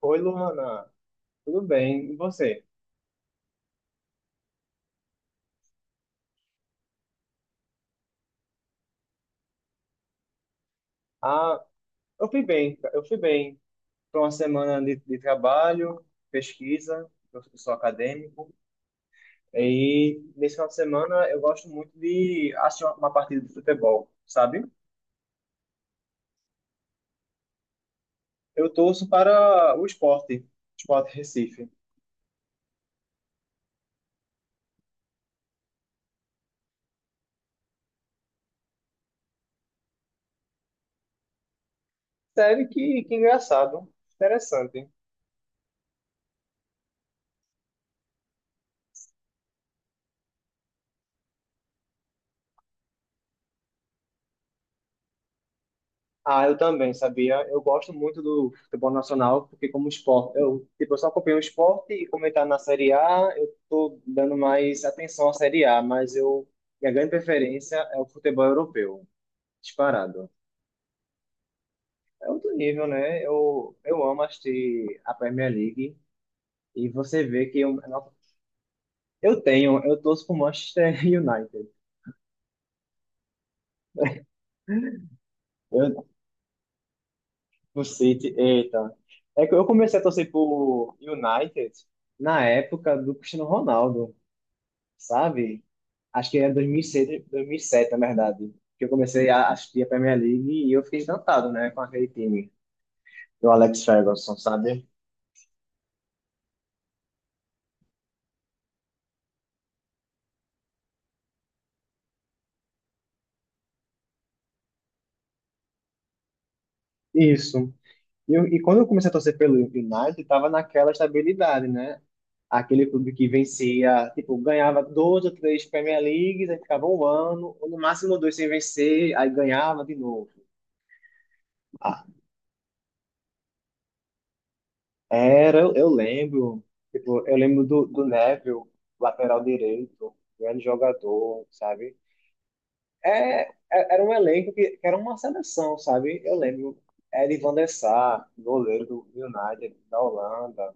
Oi, Luana. Tudo bem? E você? Ah, eu fui bem. Foi uma semana de trabalho, pesquisa. Eu sou acadêmico. E nesse final de semana eu gosto muito de assistir uma partida de futebol, sabe? Eu torço para o esporte, Esporte Recife. Sério que engraçado. Interessante. Ah, eu também, sabia? Eu gosto muito do futebol nacional, porque como esporte, eu, tipo, eu só acompanho o esporte e como ele tá na Série A, eu tô dando mais atenção à Série A, mas minha grande preferência é o futebol europeu, disparado. É outro nível, né? Eu amo assistir a Premier League e você vê que eu tenho, eu torço pro Manchester United, eu, pro City, eita. É que eu comecei a torcer pro United na época do Cristiano Ronaldo. Sabe? Acho que era 2006, 2007, na verdade, que eu comecei a assistir a Premier League e eu fiquei encantado, né, com aquele time do Alex Ferguson, sabe? Isso. E quando eu comecei a torcer pelo United, tava naquela estabilidade, né? Aquele clube que vencia, tipo, ganhava dois ou três Premier Leagues, aí ficava um ano, ou no máximo dois sem vencer, aí ganhava de novo. Ah, eu lembro, tipo, eu lembro do Neville, lateral direito, grande jogador, sabe? É, era um elenco que era uma seleção, sabe? Eu lembro, era Van der Sar, goleiro do United, da Holanda.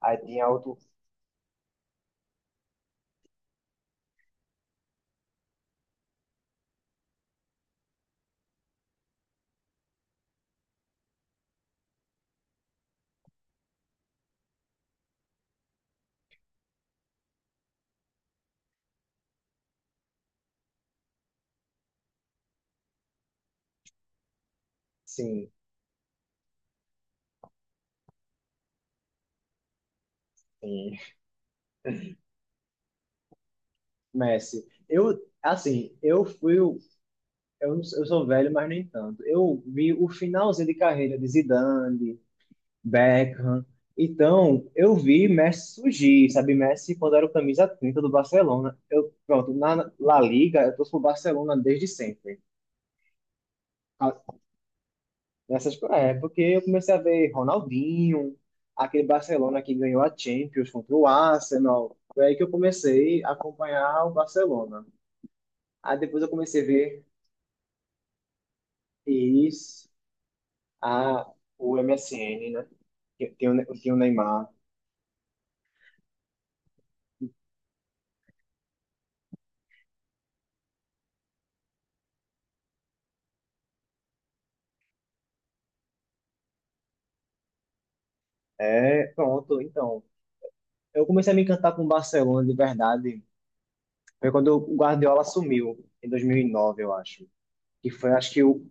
Aí tinha outro, sim, sim, Messi. Eu, assim, eu sou velho, mas nem tanto. Eu vi o finalzinho de carreira de Zidane, Beckham. Então, eu vi Messi surgir, sabe? Messi, quando era o camisa 30 do Barcelona. Eu, pronto, na La Liga, eu torço pro Barcelona desde sempre. É, porque eu comecei a ver Ronaldinho, aquele Barcelona que ganhou a Champions contra o Arsenal. Foi aí que eu comecei a acompanhar o Barcelona. Aí depois eu comecei a ver isso, a, o MSN, né? Que Tem o, Ne- tem o Neymar. É, pronto, então. Eu comecei a me encantar com o Barcelona de verdade. Foi quando o Guardiola assumiu, em 2009, eu acho. Que foi, acho que, o,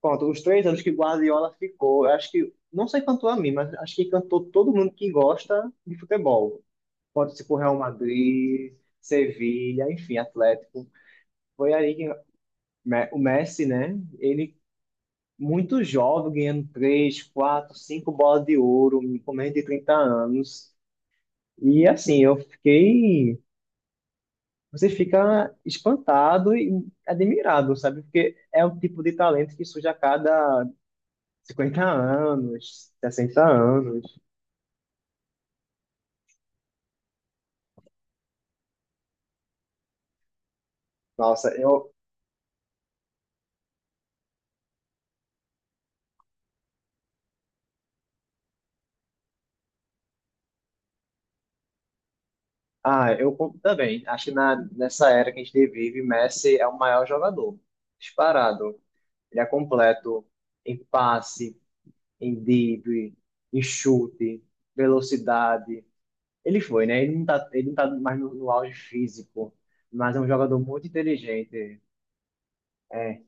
Pronto, os três anos que Guardiola ficou, eu acho que, não sei quanto a mim, mas acho que encantou todo mundo que gosta de futebol. Pode ser por Real Madrid, Sevilha, enfim, Atlético. Foi aí que Me- o Messi, né? Ele, muito jovem, ganhando três, quatro, cinco bolas de ouro, com menos de 30 anos. E assim, eu fiquei. Você fica espantado e admirado, sabe? Porque é o tipo de talento que surge a cada 50 anos, 60 anos. Nossa, eu. Ah, eu compro também. Acho que nessa era que a gente vive, Messi é o maior jogador. Disparado. Ele é completo em passe, em drible, em chute, velocidade. Ele foi, né? Ele não tá mais no auge físico, mas é um jogador muito inteligente. É,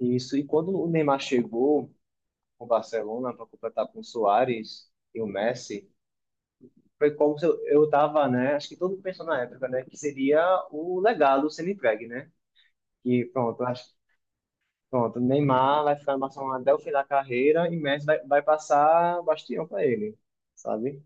isso. E quando o Neymar chegou com o Barcelona para completar com o Suárez e o Messi, foi como se eu tava, né? Acho que todo mundo pensou na época, né? Que seria o legado sendo entregue, né? Que pronto, acho, pronto, Neymar vai ficar no Barcelona até o fim da carreira e Messi vai passar bastião para ele, sabe?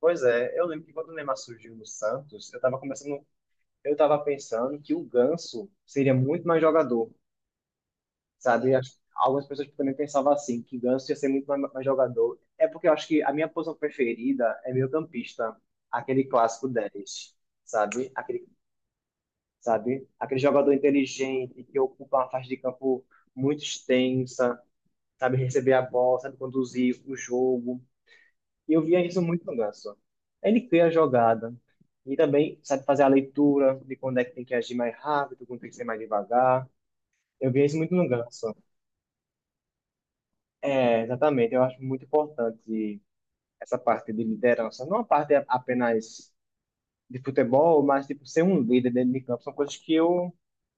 Pois é, eu lembro que quando o Neymar surgiu no Santos, eu tava começando, eu tava pensando que o Ganso seria muito mais jogador. Sabe? Acho que algumas pessoas também pensavam assim, que Ganso ia ser muito mais jogador. É porque eu acho que a minha posição preferida é meio-campista, aquele clássico 10, sabe? Aquele, sabe? Aquele jogador inteligente que ocupa uma faixa de campo muito extensa, sabe receber a bola, sabe conduzir o jogo. E eu via isso muito no Ganso. Ele cria a jogada e também sabe fazer a leitura de quando é que tem que agir mais rápido, quando tem que ser mais devagar. Eu via isso muito no Ganso. É, exatamente. Eu acho muito importante essa parte de liderança. Não a parte apenas de futebol, mas tipo ser um líder dentro de campo. São coisas que eu,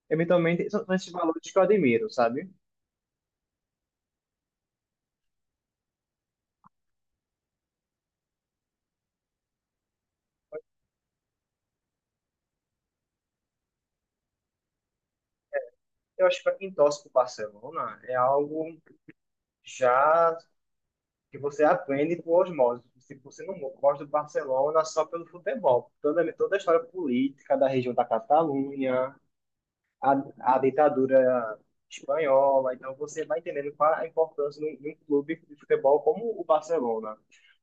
eventualmente, são esses valores que eu admiro, sabe? Eu acho que para quem torce pro Barcelona é algo já que você aprende por osmose. Se você não gosta do Barcelona só pelo futebol, toda a história política da região da Catalunha, a, a ditadura espanhola. Então você vai entendendo qual a importância de um clube de futebol como o Barcelona.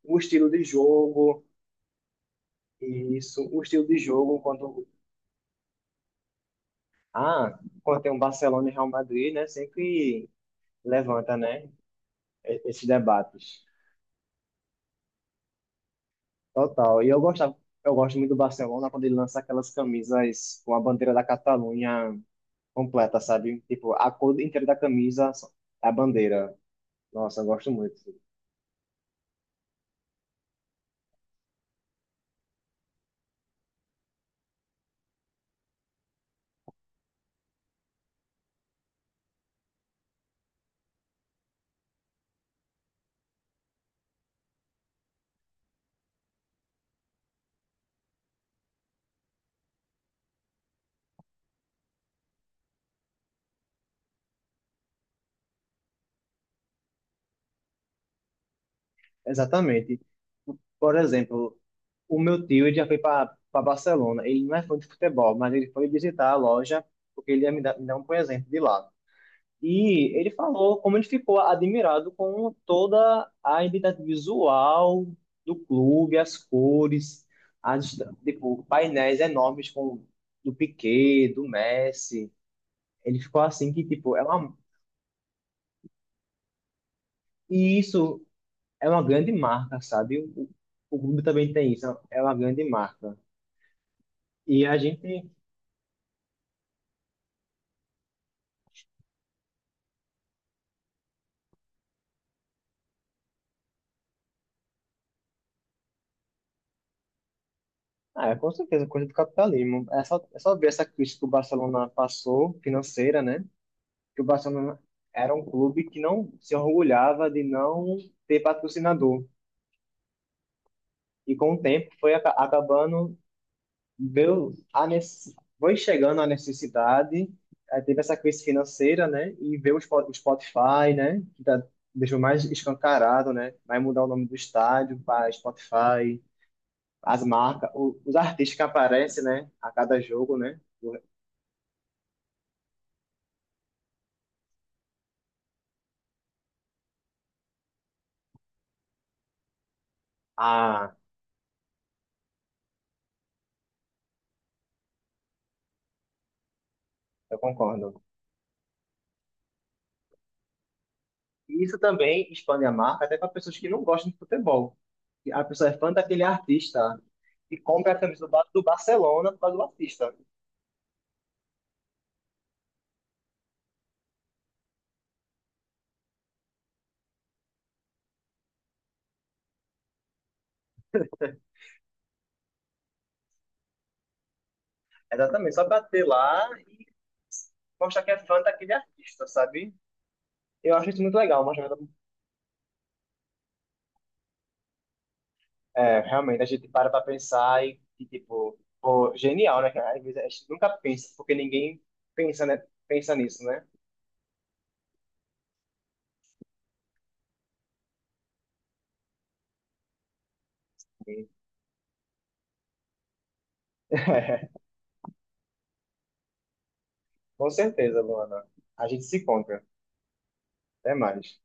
O estilo de jogo, isso, o estilo de jogo quando tem um Barcelona e Real Madrid, né, sempre levanta, né, esses debates. Total. E eu gostava, eu gosto muito do Barcelona quando ele lança aquelas camisas com a bandeira da Catalunha completa, sabe? Tipo, a cor inteira da camisa é a bandeira. Nossa, eu gosto muito. Exatamente. Por exemplo, o meu tio ele já foi para Barcelona. Ele não é fã de futebol, mas ele foi visitar a loja porque ele ia me dar um presente de lá. E ele falou como ele ficou admirado com toda a identidade visual do clube, as cores, as, tipo, painéis enormes com, do Piqué, do Messi. Ele ficou assim que, tipo, é uma, e isso é uma grande marca, sabe? O clube também tem isso, é uma grande marca. E a gente, ah, é, com certeza, coisa do capitalismo. É só ver essa crise que o Barcelona passou, financeira, né? Que o Barcelona era um clube que não se orgulhava de não ter patrocinador. E com o tempo foi acabando, deu a nece- foi chegando a necessidade, aí teve essa crise financeira, né? E veio o Spotify, né? Que tá, deixou mais escancarado, né? Vai mudar o nome do estádio para Spotify. As marcas, os artistas que aparecem, né, a cada jogo, né? O- Ah, eu concordo. E isso também expande a marca até para pessoas que não gostam de futebol. E a pessoa é fã daquele artista e compra a camisa do Barcelona por causa do artista. Exatamente, só para ter lá e mostrar que é fã daquele artista, sabe? Eu acho isso muito legal, mas é, realmente a gente para pensar e, tipo, pô, genial, né? Cara? Às vezes a gente nunca pensa, porque ninguém pensa, né? Pensa nisso, né? Com certeza, Luana. A gente se encontra. Até mais.